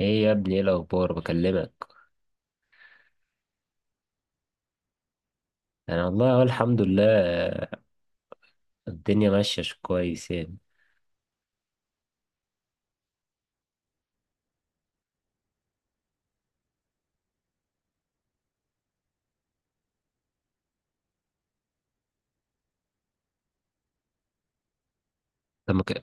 ايه يا ابني، ايه الاخبار؟ بكلمك. انا والله اقول الحمد لله، الدنيا ماشيه كويس يعني. طب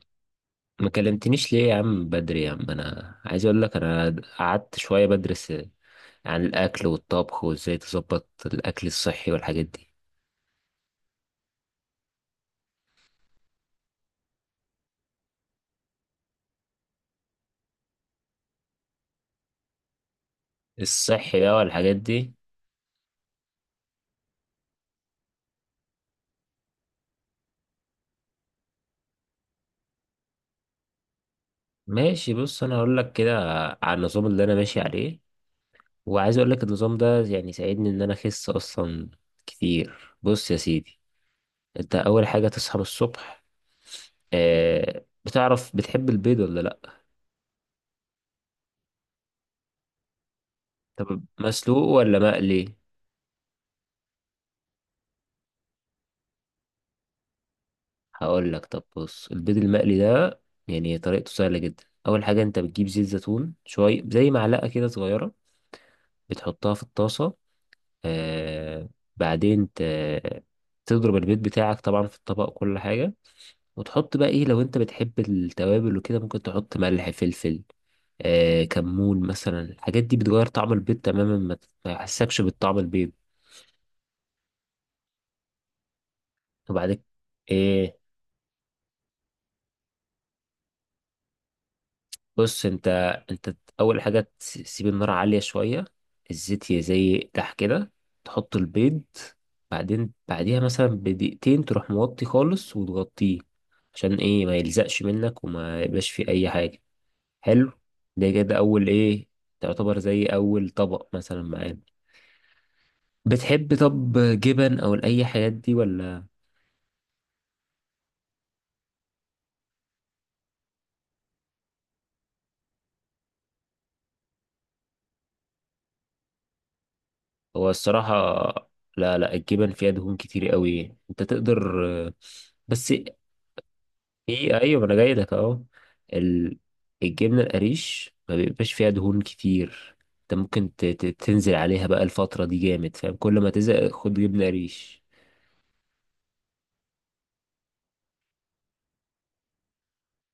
ما كلمتنيش ليه يا عم؟ بدري يا عم. انا عايز اقول لك، انا قعدت شويه بدرس عن الاكل والطبخ وازاي تظبط الاكل الصحي والحاجات دي. الصحي بقى والحاجات دي. ماشي، بص انا هقول لك كده على النظام اللي انا ماشي عليه، وعايز اقول لك النظام ده يعني ساعدني ان انا اخس اصلا كتير. بص يا سيدي، انت اول حاجه تصحى من الصبح. آه، بتعرف بتحب البيض ولا لا؟ طب مسلوق ولا مقلي؟ هقول لك، طب بص البيض المقلي ده يعني طريقته سهله جدا. اول حاجه انت بتجيب زيت زيتون شويه، زي معلقه كده صغيره، بتحطها في الطاسه. آه، بعدين تضرب البيض بتاعك طبعا في الطبق، كل حاجه. وتحط بقى ايه، لو انت بتحب التوابل وكده ممكن تحط ملح، فلفل، آه كمون مثلا. الحاجات دي بتغير طعم البيض تماما، ما ما يحسكش بالطعم البيض. وبعد ايه، بص انت اول حاجه تسيب النار عاليه شويه، الزيت يزيح كده، تحط البيض. بعدين بعديها مثلا بدقيقتين تروح موطي خالص وتغطيه. عشان ايه؟ ما يلزقش منك وما يبقاش فيه اي حاجه. حلو. ده كده اول ايه، تعتبر زي اول طبق مثلا معانا. بتحب طب جبن او اي حاجات دي ولا؟ هو الصراحه، لا لا، الجبن فيها دهون كتير قوي. انت تقدر بس. في، ايوه، ما انا جاي لك اهو. ال- الجبنه القريش ما بيبقاش فيها دهون كتير. انت ممكن تنزل عليها بقى الفتره دي جامد، فاهم؟ كل ما تزهق خد جبنه قريش.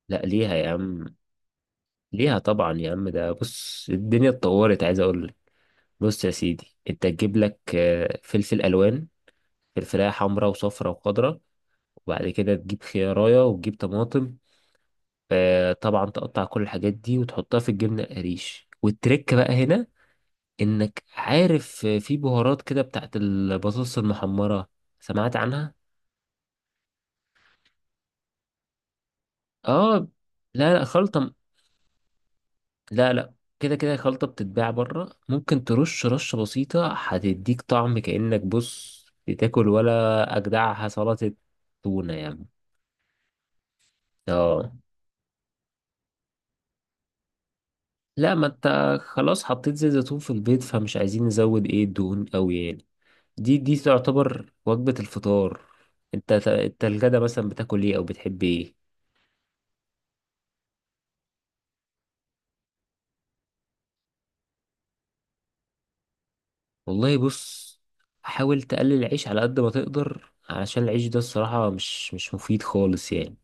لا، ليها يا عم، ليها طبعا يا عم. ده بص الدنيا اتطورت، عايز اقول لك. بص يا سيدي، انت تجيب لك آه، فلفل الوان، فلفلايه حمراء وصفراء وخضراء، وبعد كده تجيب خيارية وتجيب طماطم. آه، طبعا تقطع كل الحاجات دي وتحطها في الجبنه القريش. والتركه بقى هنا، انك عارف في بهارات كده بتاعت البطاطس المحمرة. سمعت عنها؟ اه. لا لا، خلطة. لا لا، كده كده خلطة بتتباع بره. ممكن ترش رشة بسيطة، هتديك طعم كأنك بص بتاكل ولا أجدعها سلطة تونة يعني. اه. لا، ما انت خلاص حطيت زيت زيتون في البيت، فمش عايزين نزود ايه الدهون قوي يعني. دي تعتبر وجبة الفطار. انت الغدا مثلا بتاكل ايه او بتحب ايه؟ والله بص، حاول تقلل العيش على قد ما تقدر، علشان العيش ده الصراحة مش مفيد خالص يعني.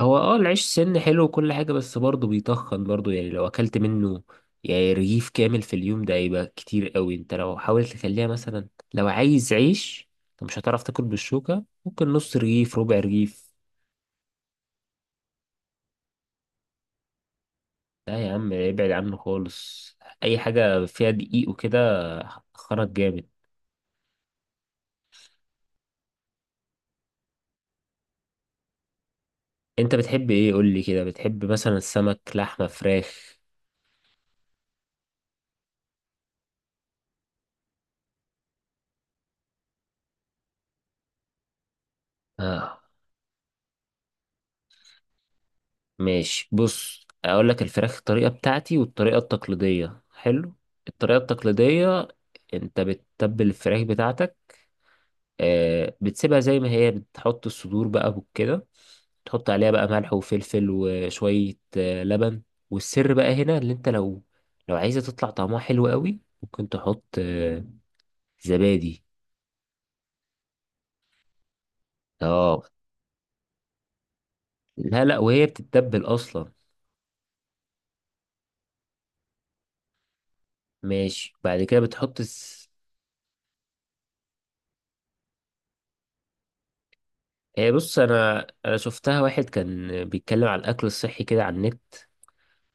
هو اه، العيش سن حلو وكل حاجة، بس برضه بيتخن برضه. يعني لو أكلت منه يعني رغيف كامل في اليوم، ده هيبقى كتير قوي. انت لو حاولت تخليها مثلا، لو عايز عيش، انت مش هتعرف تاكل بالشوكة، ممكن نص رغيف، ربع رغيف. لا يا عم، ابعد عنه خالص. أي حاجة فيها دقيق وكده هتخنك جامد. انت بتحب ايه؟ قولي كده، بتحب مثلا السمك، لحمة، فراخ؟ اه، ماشي. بص اقول لك الفراخ، الطريقه بتاعتي والطريقه التقليديه حلو. الطريقه التقليديه، انت بتتبل الفراخ بتاعتك، آه، بتسيبها زي ما هي، بتحط الصدور بقى كده، تحط عليها بقى ملح وفلفل وشويه آه لبن. والسر بقى هنا، اللي انت لو عايزه تطلع طعمها حلو قوي، ممكن تحط آه زبادي. اه. لا لا، وهي بتتبل اصلا. ماشي، بعد كده بتحط هي بص، انا شفتها واحد كان بيتكلم على الاكل الصحي كده على النت،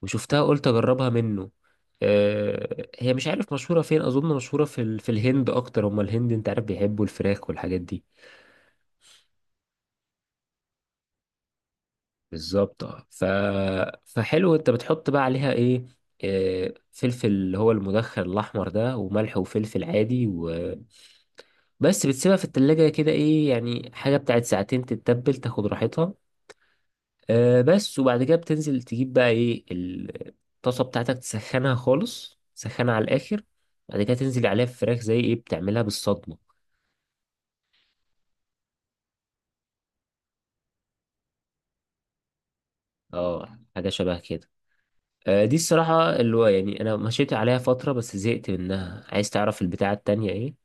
وشفتها قلت اجربها منه. آه، هي مش عارف مشهوره فين، اظن مشهوره في الهند اكتر. هما الهند انت عارف بيحبوا الفراخ والحاجات دي. بالظبط اه، فحلو. انت بتحط بقى عليها ايه؟ آه، فلفل اللي هو المدخن الاحمر ده، وملح وفلفل عادي وبس. بتسيبها في التلاجة كده ايه يعني، حاجه بتاعت ساعتين، تتبل تاخد راحتها. آه بس. وبعد كده بتنزل تجيب بقى ايه، الطاسة بتاعتك تسخنها خالص، تسخنها على الآخر. بعد كده تنزل عليها الفراخ زي ايه، بتعملها بالصدمة. اه حاجة شبه كده. آه، دي الصراحة اللي هو يعني أنا مشيت عليها فترة بس زهقت منها. عايز تعرف البتاعة التانية ايه؟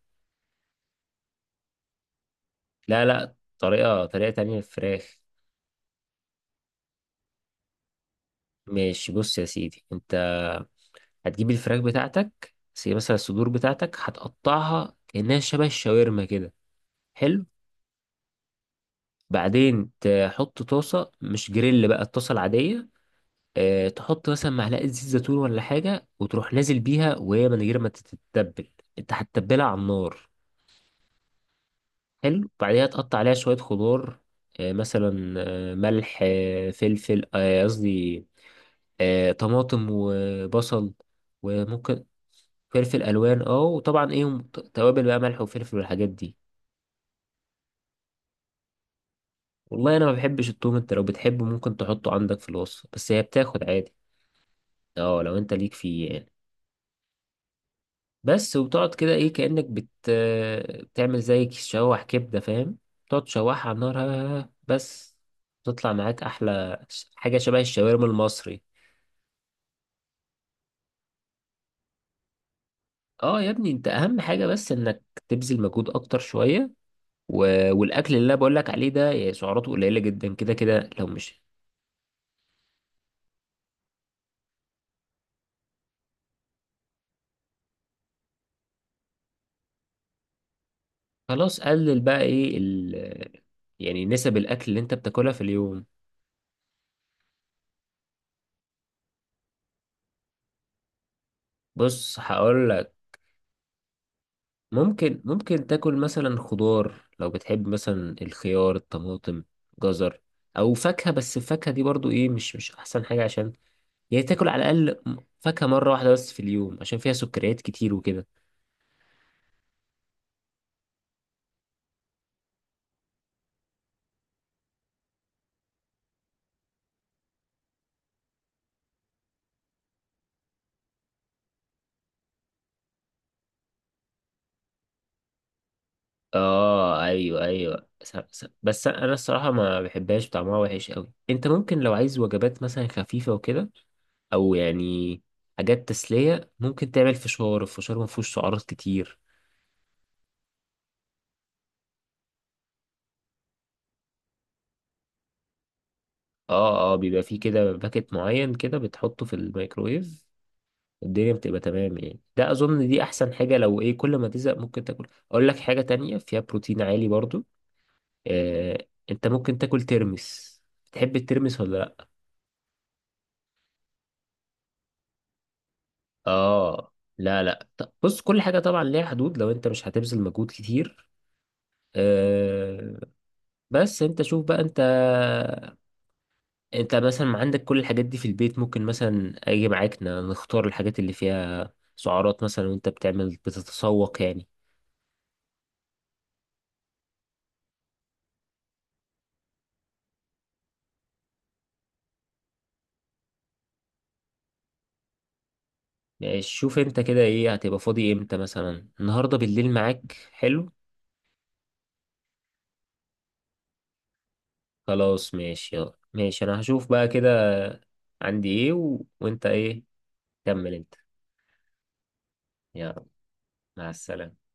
لا لا، طريقة تانية للفراخ. ماشي، بص يا سيدي انت هتجيب الفراخ بتاعتك، زي مثلا الصدور بتاعتك هتقطعها كأنها شبه الشاورما كده. حلو. بعدين تحط طاسة، مش جريل بقى، الطاسة العادية. آه، تحط مثلا معلقة زيت زيتون ولا حاجة، وتروح نازل بيها وهي من غير ما تتبل، انت هتتبلها على النار. حلو، بعديها تقطع عليها شوية خضار، آه، مثلا آه، ملح، آه، فلفل، آه، قصدي آه، طماطم وبصل. وممكن فلفل الوان، اه، وطبعا ايه، توابل بقى، ملح وفلفل والحاجات دي. والله انا ما بحبش التوم. انت لو بتحبه ممكن تحطه عندك في الوصفة، بس هي بتاخد عادي. اه لو انت ليك فيه يعني. بس. وبتقعد كده ايه، كأنك بتعمل زي تشوح كبدة، فاهم؟ تقعد تشوحها على النار بس. تطلع معاك احلى حاجة شبه الشاورما المصري. اه يا ابني، انت اهم حاجة بس انك تبذل مجهود اكتر شوية و... والاكل اللي انا بقول لك عليه ده يعني سعراته قليلة جدا. كده كده لو مش. خلاص، قلل بقى ايه يعني نسب الاكل اللي انت بتاكلها في اليوم. بص هقول. ممكن ممكن تاكل مثلا خضار، لو بتحب مثلا الخيار، الطماطم، جزر، او فاكهة. بس الفاكهة دي برضو ايه، مش احسن حاجة، عشان يعني تاكل على الاقل فاكهة مرة واحدة بس في اليوم، عشان فيها سكريات كتير وكده. اه ايوه ايوه، بس انا الصراحة ما بحبهاش، طعمها وحش قوي. انت ممكن لو عايز وجبات مثلا خفيفة وكده، او يعني حاجات تسلية، ممكن تعمل فشار. الفشار ما فيهوش سعرات كتير. اه اه، بيبقى فيه كده باكت معين كده بتحطه في الميكرويف، الدنيا بتبقى تمام يعني. ده اظن دي احسن حاجة. لو ايه كل ما تزهق، ممكن تاكل، اقول لك حاجة تانية فيها بروتين عالي برضو، آه، انت ممكن تاكل ترمس. تحب الترمس ولا لا؟ اه لا لا، طب بص كل حاجة طبعا ليها حدود، لو انت مش هتبذل مجهود كتير. آه بس. انت شوف بقى، انت مثلا عندك كل الحاجات دي في البيت؟ ممكن مثلا اجي معاك نختار الحاجات اللي فيها سعرات مثلا، وانت بتعمل بتتسوق يعني. يعني شوف انت كده، ايه هتبقى فاضي امتى؟ مثلا النهارده بالليل معاك حلو. خلاص ماشي، يلا ماشي، انا هشوف بقى كده. عندي ايه وانت ايه، كمل انت. يلا، مع السلامة.